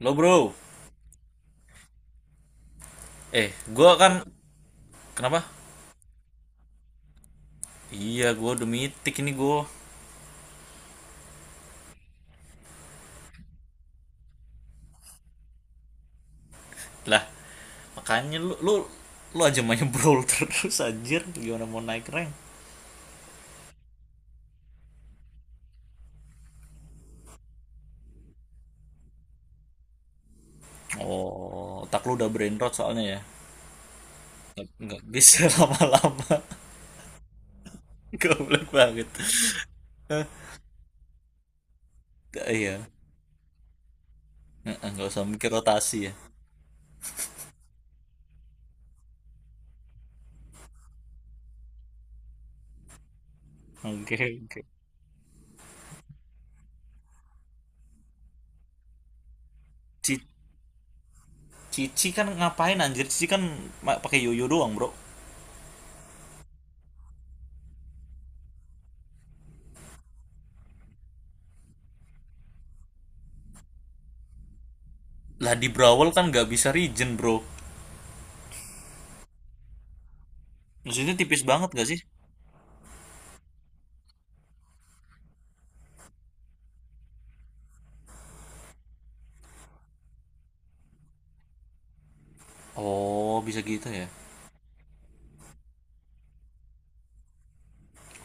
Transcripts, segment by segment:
Lo bro, eh gua kan kenapa? Iya, gua udah mitik ini gua. Lah, makanya lu lu lu aja main brawl terus anjir, gimana mau naik rank? Oh, otak lu udah brain rot soalnya ya. Nggak bisa lama-lama. Goblok banget. Eh. Iya. Eh, nggak usah mikir rotasi ya. Oke oke. Ci- Cici kan ngapain anjir? Cici kan pakai yoyo doang bro. Lah, di Brawl kan nggak bisa regen bro. Maksudnya tipis banget gak sih? Oh bisa gitu ya.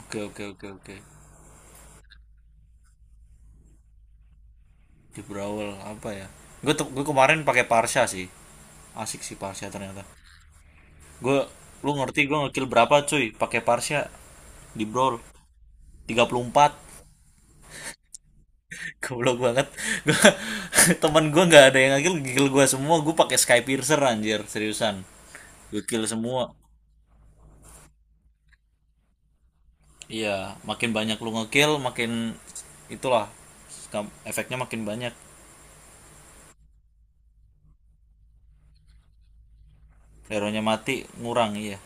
Oke oke oke oke. Di Brawl apa ya? Gue tuh gue kemarin pakai Parsha sih. Asik sih Parsha ternyata. Gue Lu ngerti gue ngekill berapa cuy pakai Parsha di Brawl? 34. Goblok banget. Gua, temen gue nggak ada yang ngekill, kill gue semua. Gue pakai Skypiercer anjir, seriusan. Gue kill semua. Iya, makin banyak lu ngekill, makin itulah efeknya makin banyak. Hero-nya mati, ngurang iya.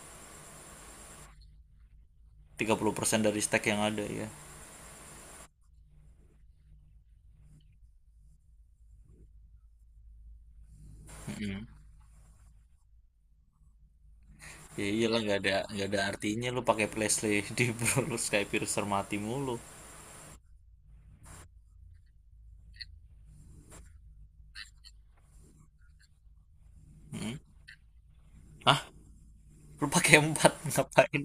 30% dari stack yang ada ya. Ya iyalah, nggak ada artinya lu pakai playlist di bro lu, Skypiercer mati mulu. Hah? Lu pakai empat ngapain?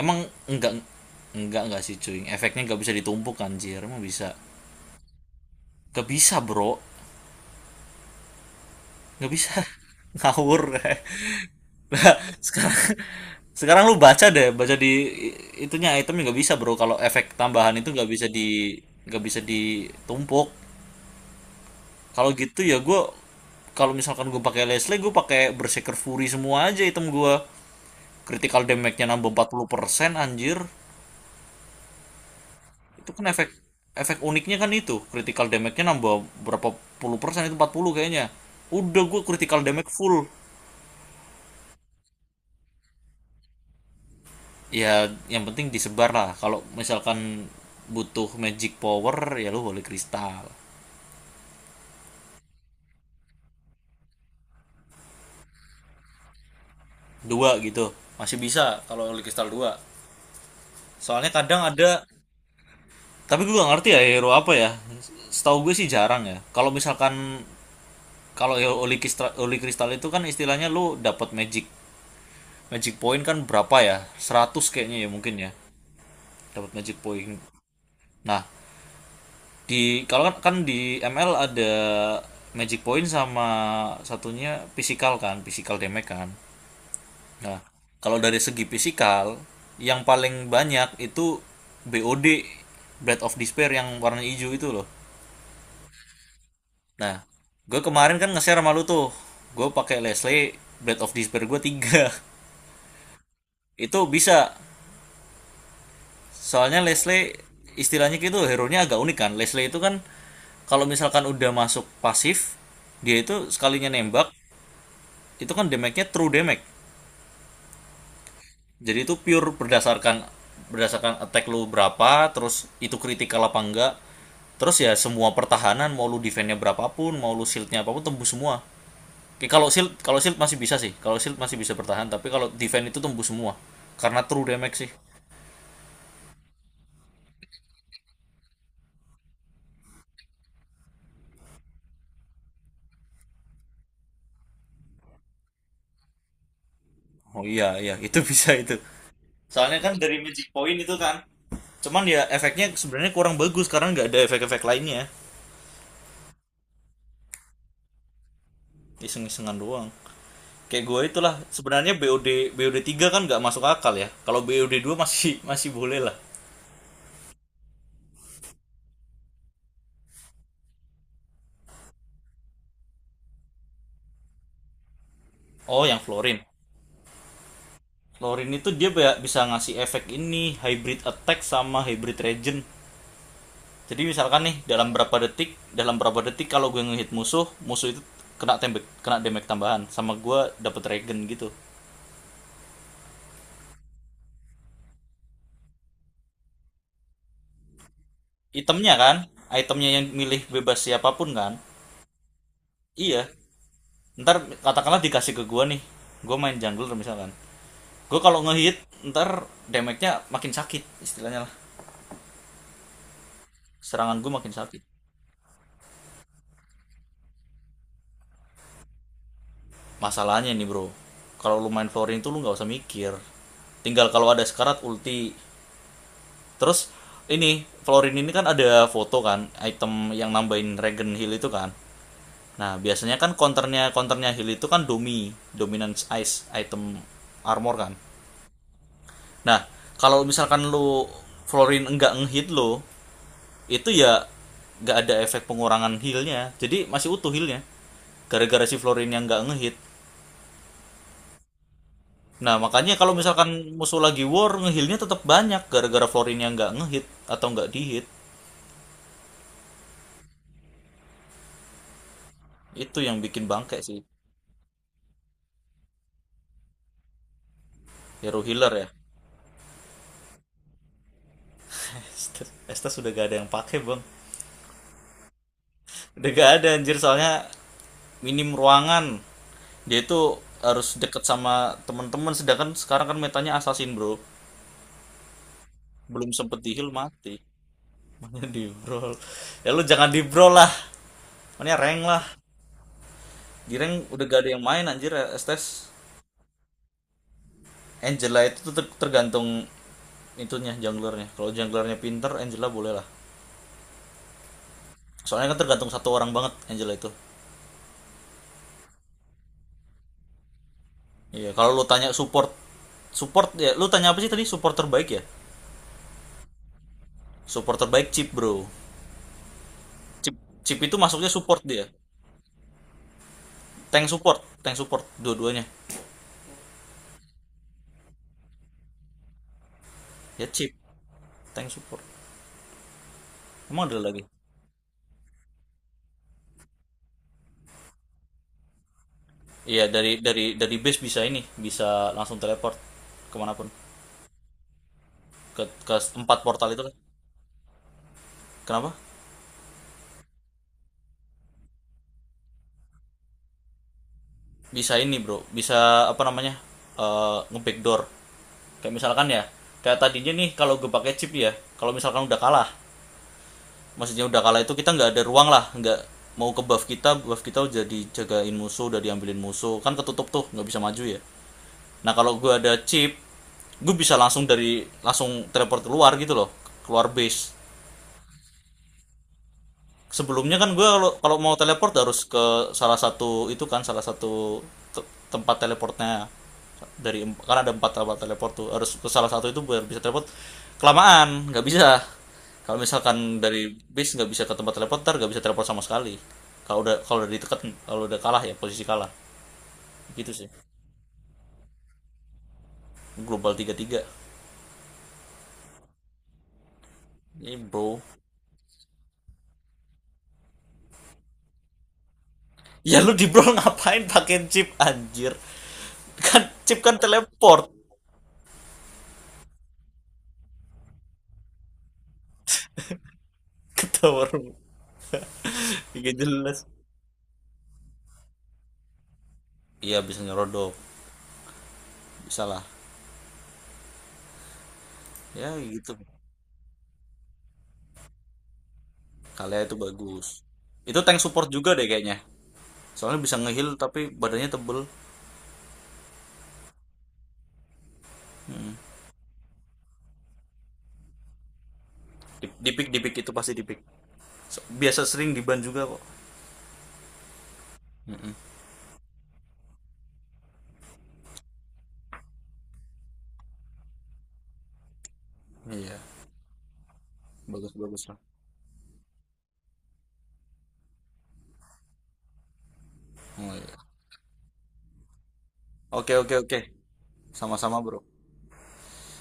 Emang enggak enggak sih cuy. Efeknya nggak bisa ditumpuk anjir. Emang bisa. Gak bisa, Bro. Nggak bisa. Ngawur. Nah, sekarang sekarang lu baca deh, baca di itunya, itemnya nggak bisa, Bro. Kalau efek tambahan itu nggak bisa nggak bisa ditumpuk. Kalau gitu ya gue, kalau misalkan gue pakai Leslie gue pakai Berserker Fury semua aja item gue, critical damage-nya nambah 40% anjir. Itu kan efek efek uniknya kan, itu critical damage-nya nambah berapa puluh persen. Itu 40 kayaknya. Udah gue critical damage full. Ya yang penting disebar lah, kalau misalkan butuh magic power ya lu holy crystal dua gitu, masih bisa. Kalau holy crystal dua, soalnya kadang ada. Tapi gue gak ngerti ya hero apa ya. Setahu gue sih jarang ya. Kalau misalkan, kalau hero Oli Kristal, itu kan istilahnya lu dapat magic magic point kan berapa ya? 100 kayaknya ya, mungkin ya. Dapat magic point. Nah, kan di ML ada magic point sama satunya physical kan, physical damage kan. Nah, kalau dari segi physical yang paling banyak itu BOD, Blade of Despair yang warna hijau itu loh. Nah, gue kemarin kan nge-share sama lu tuh. Gue pakai Leslie, Blade of Despair gue 3. Itu bisa. Soalnya Leslie istilahnya gitu, hero-nya agak unik kan. Leslie itu kan kalau misalkan udah masuk pasif, dia itu sekalinya nembak itu kan damage-nya true damage. Jadi itu pure berdasarkan berdasarkan attack lu berapa, terus itu critical apa enggak. Terus ya semua pertahanan, mau lu defense-nya berapapun, mau lu shield-nya apapun, tembus semua. Oke, kalau shield masih bisa sih. Kalau shield masih bisa bertahan, tapi kalau defense itu tembus semua. Karena true damage sih. Oh iya iya, itu bisa itu. Soalnya kan dari magic point itu kan. Cuman ya efeknya sebenarnya kurang bagus karena nggak ada efek-efek lainnya. Iseng-isengan doang. Kayak gue itulah sebenarnya, BOD BOD 3 kan nggak masuk akal ya. Kalau BOD 2 masih masih boleh lah. Oh, yang Florin. Florin itu dia bisa ngasih efek ini, hybrid attack sama hybrid regen. Jadi misalkan nih dalam berapa detik kalau gue ngehit musuh, musuh itu kena tembak, kena damage tambahan, sama gue dapet regen gitu. Itemnya kan, itemnya yang milih bebas siapapun kan. Iya. Ntar katakanlah dikasih ke gue nih, gue main jungler misalkan. Gue kalau ngehit, ntar damage-nya makin sakit istilahnya lah. Serangan gue makin sakit. Masalahnya nih bro, kalau lu main flooring tuh lu nggak usah mikir. Tinggal kalau ada sekarat, ulti. Terus ini Florin ini kan ada foto kan, item yang nambahin Regen heal itu kan. Nah, biasanya kan counternya counternya heal itu kan Domi, Dominance Ice, item armor kan. Nah, kalau misalkan lu Florin enggak ngehit lo, itu ya nggak ada efek pengurangan healnya. Jadi masih utuh healnya, gara-gara si Florin yang nggak ngehit. Nah, makanya kalau misalkan musuh lagi war, ngehealnya tetap banyak gara-gara Florin yang nggak ngehit atau nggak dihit. Itu yang bikin bangke sih. Hero healer ya. Estes sudah gak ada yang pakai bang. Udah gak ada anjir, soalnya minim ruangan, dia itu harus deket sama teman-teman, sedangkan sekarang kan metanya assassin bro. Belum sempet di heal mati. Mana di brawl. Ya lu jangan di brawl lah. Makanya rank lah. Di rank udah gak ada yang main anjir Estes. Angela itu tuh tergantung itunya, junglernya. Kalau junglernya pinter, Angela boleh lah. Soalnya kan tergantung satu orang banget Angela itu. Iya, kalau lu tanya support. Support ya, lu tanya apa sih tadi? Support terbaik ya? Support terbaik chip, Bro. Chip chip itu masuknya support dia. Tank support dua-duanya. Ya chip, tank support. Emang ada lagi? Iya, dari base bisa ini, bisa langsung teleport kemanapun, ke ke empat portal itu kan. Kenapa? Bisa ini, Bro. Bisa apa namanya? Eh, nge-backdoor. Kayak misalkan ya, kayak tadinya nih kalau gue pakai chip ya, kalau misalkan udah kalah, maksudnya udah kalah, itu kita nggak ada ruang lah, nggak mau ke buff, kita buff kita udah dijagain musuh, udah diambilin musuh kan, ketutup tuh nggak bisa maju ya. Nah kalau gue ada chip, gue bisa langsung dari langsung teleport keluar gitu loh, keluar base. Sebelumnya kan gue, kalau kalau mau teleport harus ke salah satu itu kan, salah satu tempat teleportnya, dari karena ada empat tempat teleport tuh harus ke salah satu itu biar bisa teleport. Kelamaan nggak bisa, kalau misalkan dari base nggak bisa ke tempat teleport, ntar nggak bisa teleport sama sekali. Kalau udah ditekan, kalau udah kalah ya, posisi kalah. Gitu sih. Global tiga tiga ini bro. Ya lu di bro ngapain pakai chip anjir, kan chip kan teleport. Ke tower. Gak jelas. Iya bisa nyerodok, bisa lah. Ya gitu. Kalea itu bagus. Itu tank support juga deh kayaknya. Soalnya bisa ngeheal tapi badannya tebel. Dipik dipik itu pasti dipik. Biasa sering diban juga kok. Iya, bagus bagus lah. Oh iya. Oke oke oke. Sama-sama bro.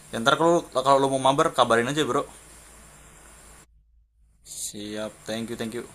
Ya, ntar kalau kalau lu mau mabar kabarin aja bro. Siap. Thank you thank you.